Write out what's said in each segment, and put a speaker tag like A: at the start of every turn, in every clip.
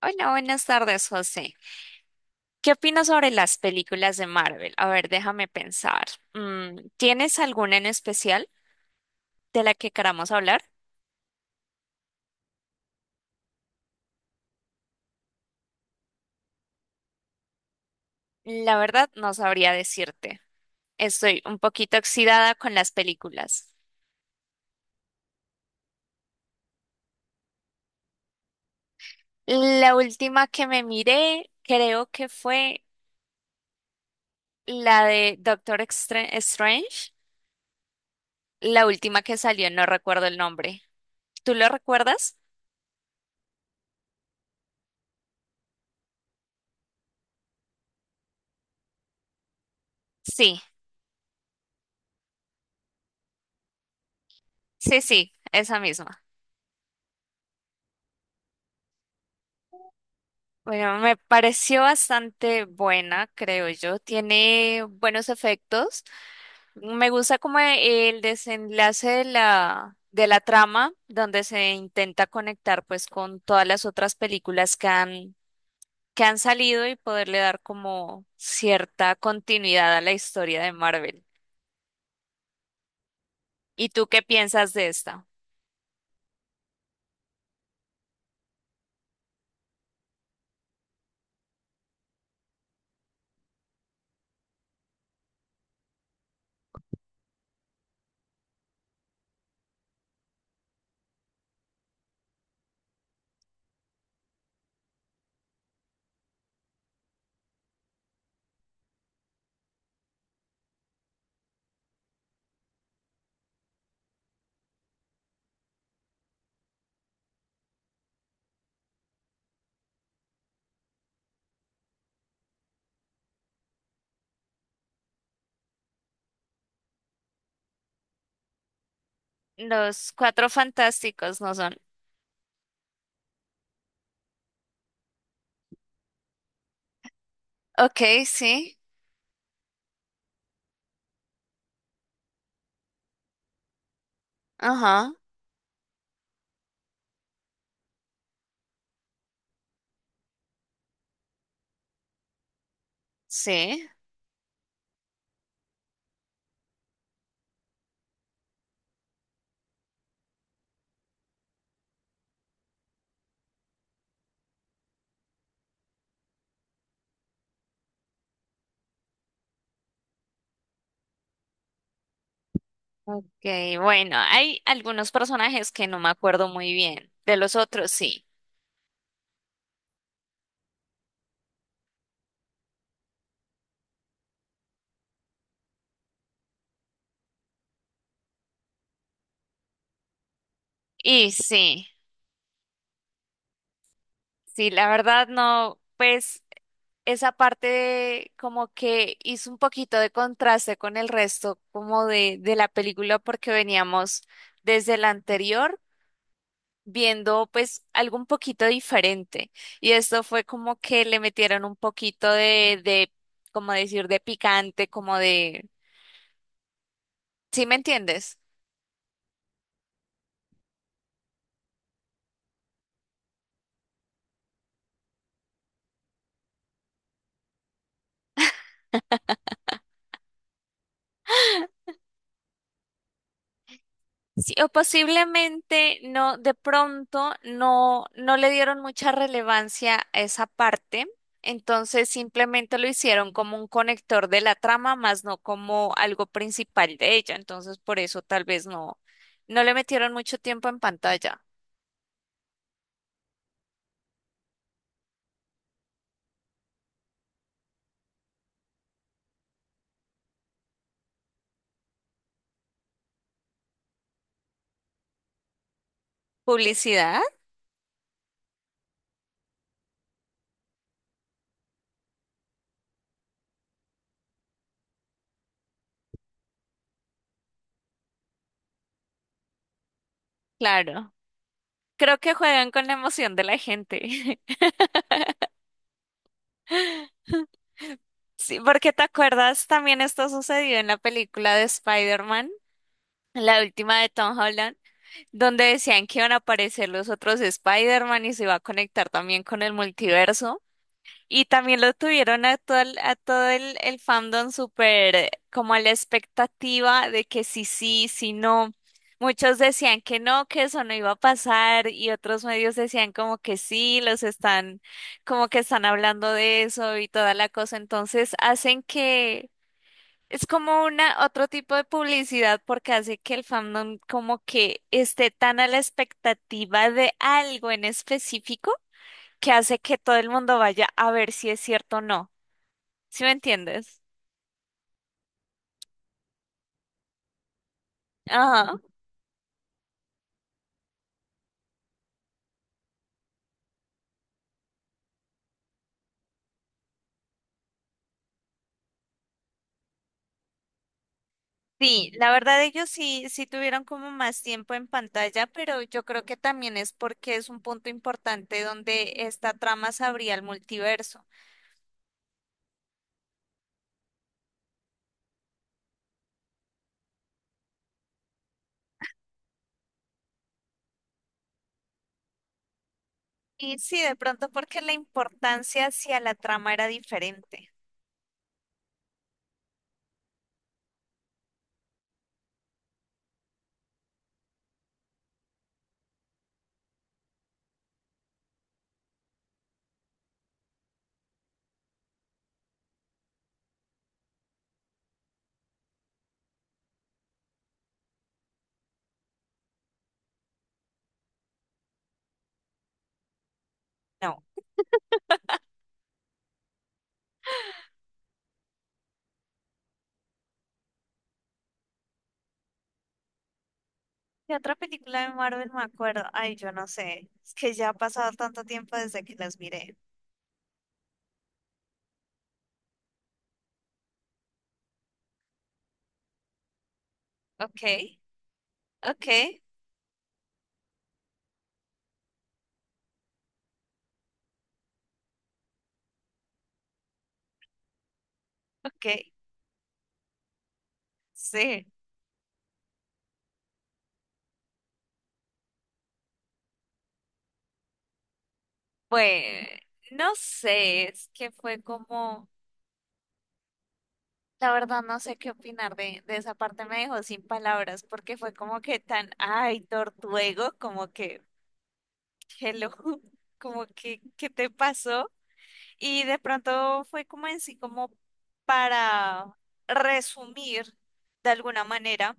A: Hola, buenas tardes, José. ¿Qué opinas sobre las películas de Marvel? A ver, déjame pensar. ¿Tienes alguna en especial de la que queramos hablar? La verdad, no sabría decirte. Estoy un poquito oxidada con las películas. La última que me miré, creo que fue la de Strange. La última que salió, no recuerdo el nombre. ¿Tú lo recuerdas? Sí, sí, sí, esa misma. Bueno, me pareció bastante buena, creo yo. Tiene buenos efectos. Me gusta como el desenlace de la trama, donde se intenta conectar pues con todas las otras películas que han salido y poderle dar como cierta continuidad a la historia de Marvel. ¿Y tú qué piensas de esta? Los Cuatro Fantásticos no son. Ok, sí. Ajá, sí. Ok, bueno, hay algunos personajes que no me acuerdo muy bien, de los otros sí. Y sí, sí, la verdad no, pues esa parte como que hizo un poquito de contraste con el resto como de la película porque veníamos desde la anterior viendo pues algo un poquito diferente. Y esto fue como que le metieron un poquito como decir, de picante, como de, ¿sí me entiendes? Sí, o posiblemente no, de pronto no le dieron mucha relevancia a esa parte, entonces simplemente lo hicieron como un conector de la trama, más no como algo principal de ella, entonces por eso tal vez no, no le metieron mucho tiempo en pantalla. ¿Publicidad? Claro. Creo que juegan con la emoción de la gente. Sí, porque te acuerdas, también esto sucedió en la película de Spider-Man, la última de Tom Holland, donde decían que iban a aparecer los otros Spider-Man y se iba a conectar también con el multiverso. Y también lo tuvieron a todo el fandom súper como a la expectativa de que sí, sí, sí, no. Muchos decían que no, que eso no iba a pasar y otros medios decían como que sí, los están, como que están hablando de eso y toda la cosa. Entonces hacen que es como una otro tipo de publicidad porque hace que el fandom como que esté tan a la expectativa de algo en específico, que hace que todo el mundo vaya a ver si es cierto o no. ¿Sí me entiendes? Ajá. Sí, la verdad ellos sí, sí tuvieron como más tiempo en pantalla, pero yo creo que también es porque es un punto importante donde esta trama se abría al multiverso. Y sí, de pronto porque la importancia hacia la trama era diferente. No. ¿Qué otra película de Marvel me acuerdo? Ay, yo no sé. Es que ya ha pasado tanto tiempo desde que las miré. Ok, ok, ok. Sí. Pues, no sé, es que fue como, la verdad no sé qué opinar de esa parte, me dejó sin palabras porque fue como que tan, ay, tortuego, como que, hello, como que, ¿qué te pasó? Y de pronto fue como en sí, como para resumir de alguna manera,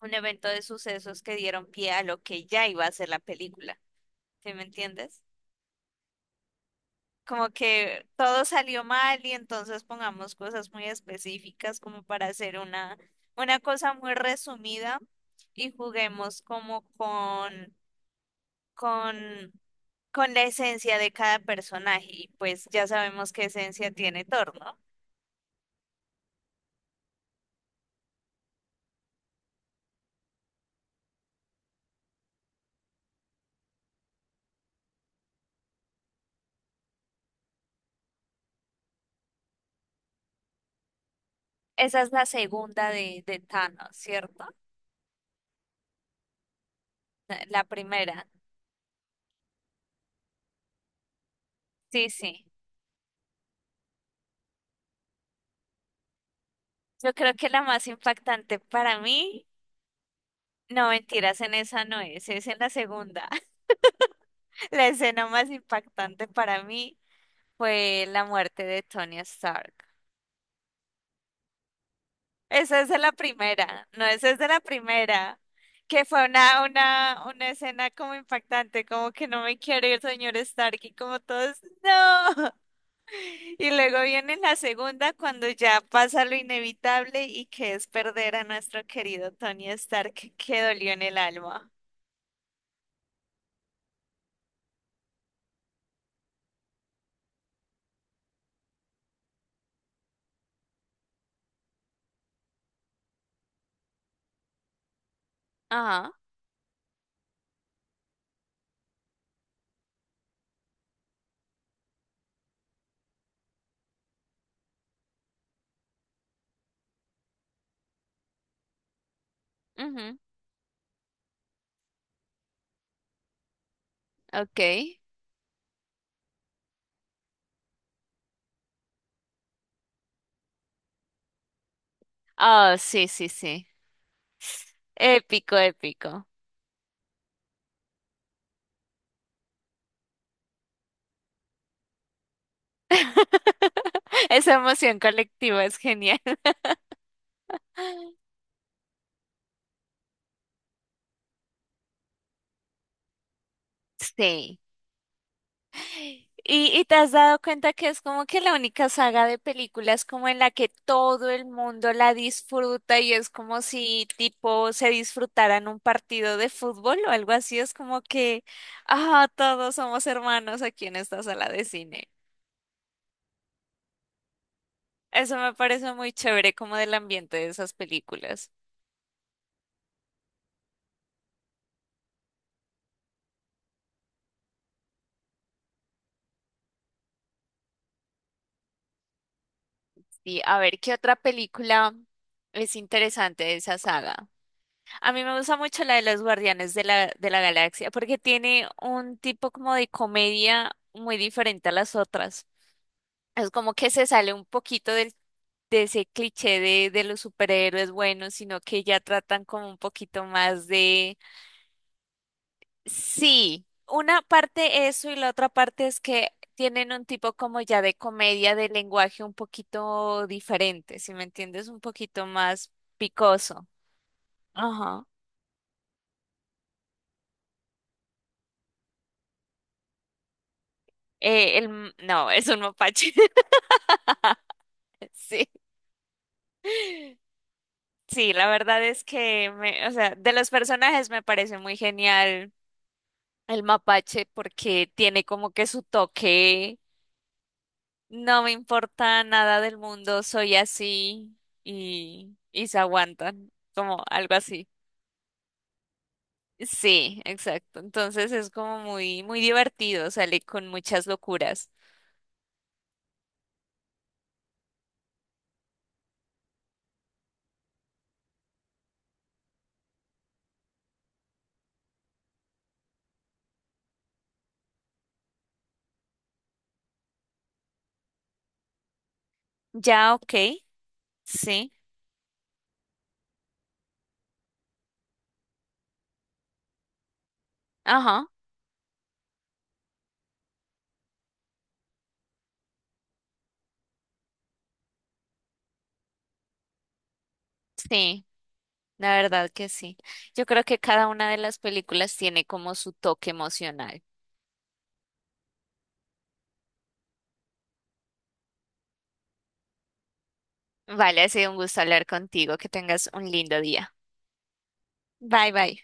A: un evento de sucesos que dieron pie a lo que ya iba a ser la película. ¿Sí me entiendes? Como que todo salió mal y entonces pongamos cosas muy específicas como para hacer una cosa muy resumida y juguemos como con, con la esencia de cada personaje, y pues ya sabemos qué esencia tiene Thor, ¿no? Esa es la segunda de Thanos, ¿cierto? La primera. Sí, sí. Yo creo que la más impactante para mí, no, mentiras, en esa no es, es en la segunda. La escena más impactante para mí fue la muerte de Tony Stark. Esa es de la primera, no, esa es de la primera, que fue una escena como impactante, como que no me quiero ir, señor Stark, y como todos, no. Y luego viene la segunda cuando ya pasa lo inevitable y que es perder a nuestro querido Tony Stark, que dolió en el alma. Ajá, ujú, ok. Oh, sí, sí, sí. Épico, épico. Esa emoción colectiva es genial. Sí. Y te has dado cuenta que es como que la única saga de películas como en la que todo el mundo la disfruta y es como si tipo se disfrutaran un partido de fútbol o algo así. Es como que, ah, todos somos hermanos aquí en esta sala de cine. Eso me parece muy chévere como del ambiente de esas películas. Sí, a ver, ¿qué otra película es interesante de esa saga? A mí me gusta mucho la de los Guardianes de la Galaxia porque tiene un tipo como de comedia muy diferente a las otras. Es como que se sale un poquito del, de ese cliché de los superhéroes buenos, sino que ya tratan como un poquito más de... Sí, una parte eso y la otra parte es que tienen un tipo como ya de comedia de lenguaje un poquito diferente, si me entiendes, un poquito más picoso. Ajá. No, es un mapache. Sí, sí, la verdad es que, me, o sea, de los personajes me parece muy genial el mapache porque tiene como que su toque, no me importa nada del mundo, soy así y se aguantan, como algo así. Sí, exacto. Entonces es como muy, muy divertido, sale con muchas locuras. Ya, ok, sí, ajá, sí, la verdad que sí. Yo creo que cada una de las películas tiene como su toque emocional. Vale, ha sido un gusto hablar contigo, que tengas un lindo día. Bye, bye.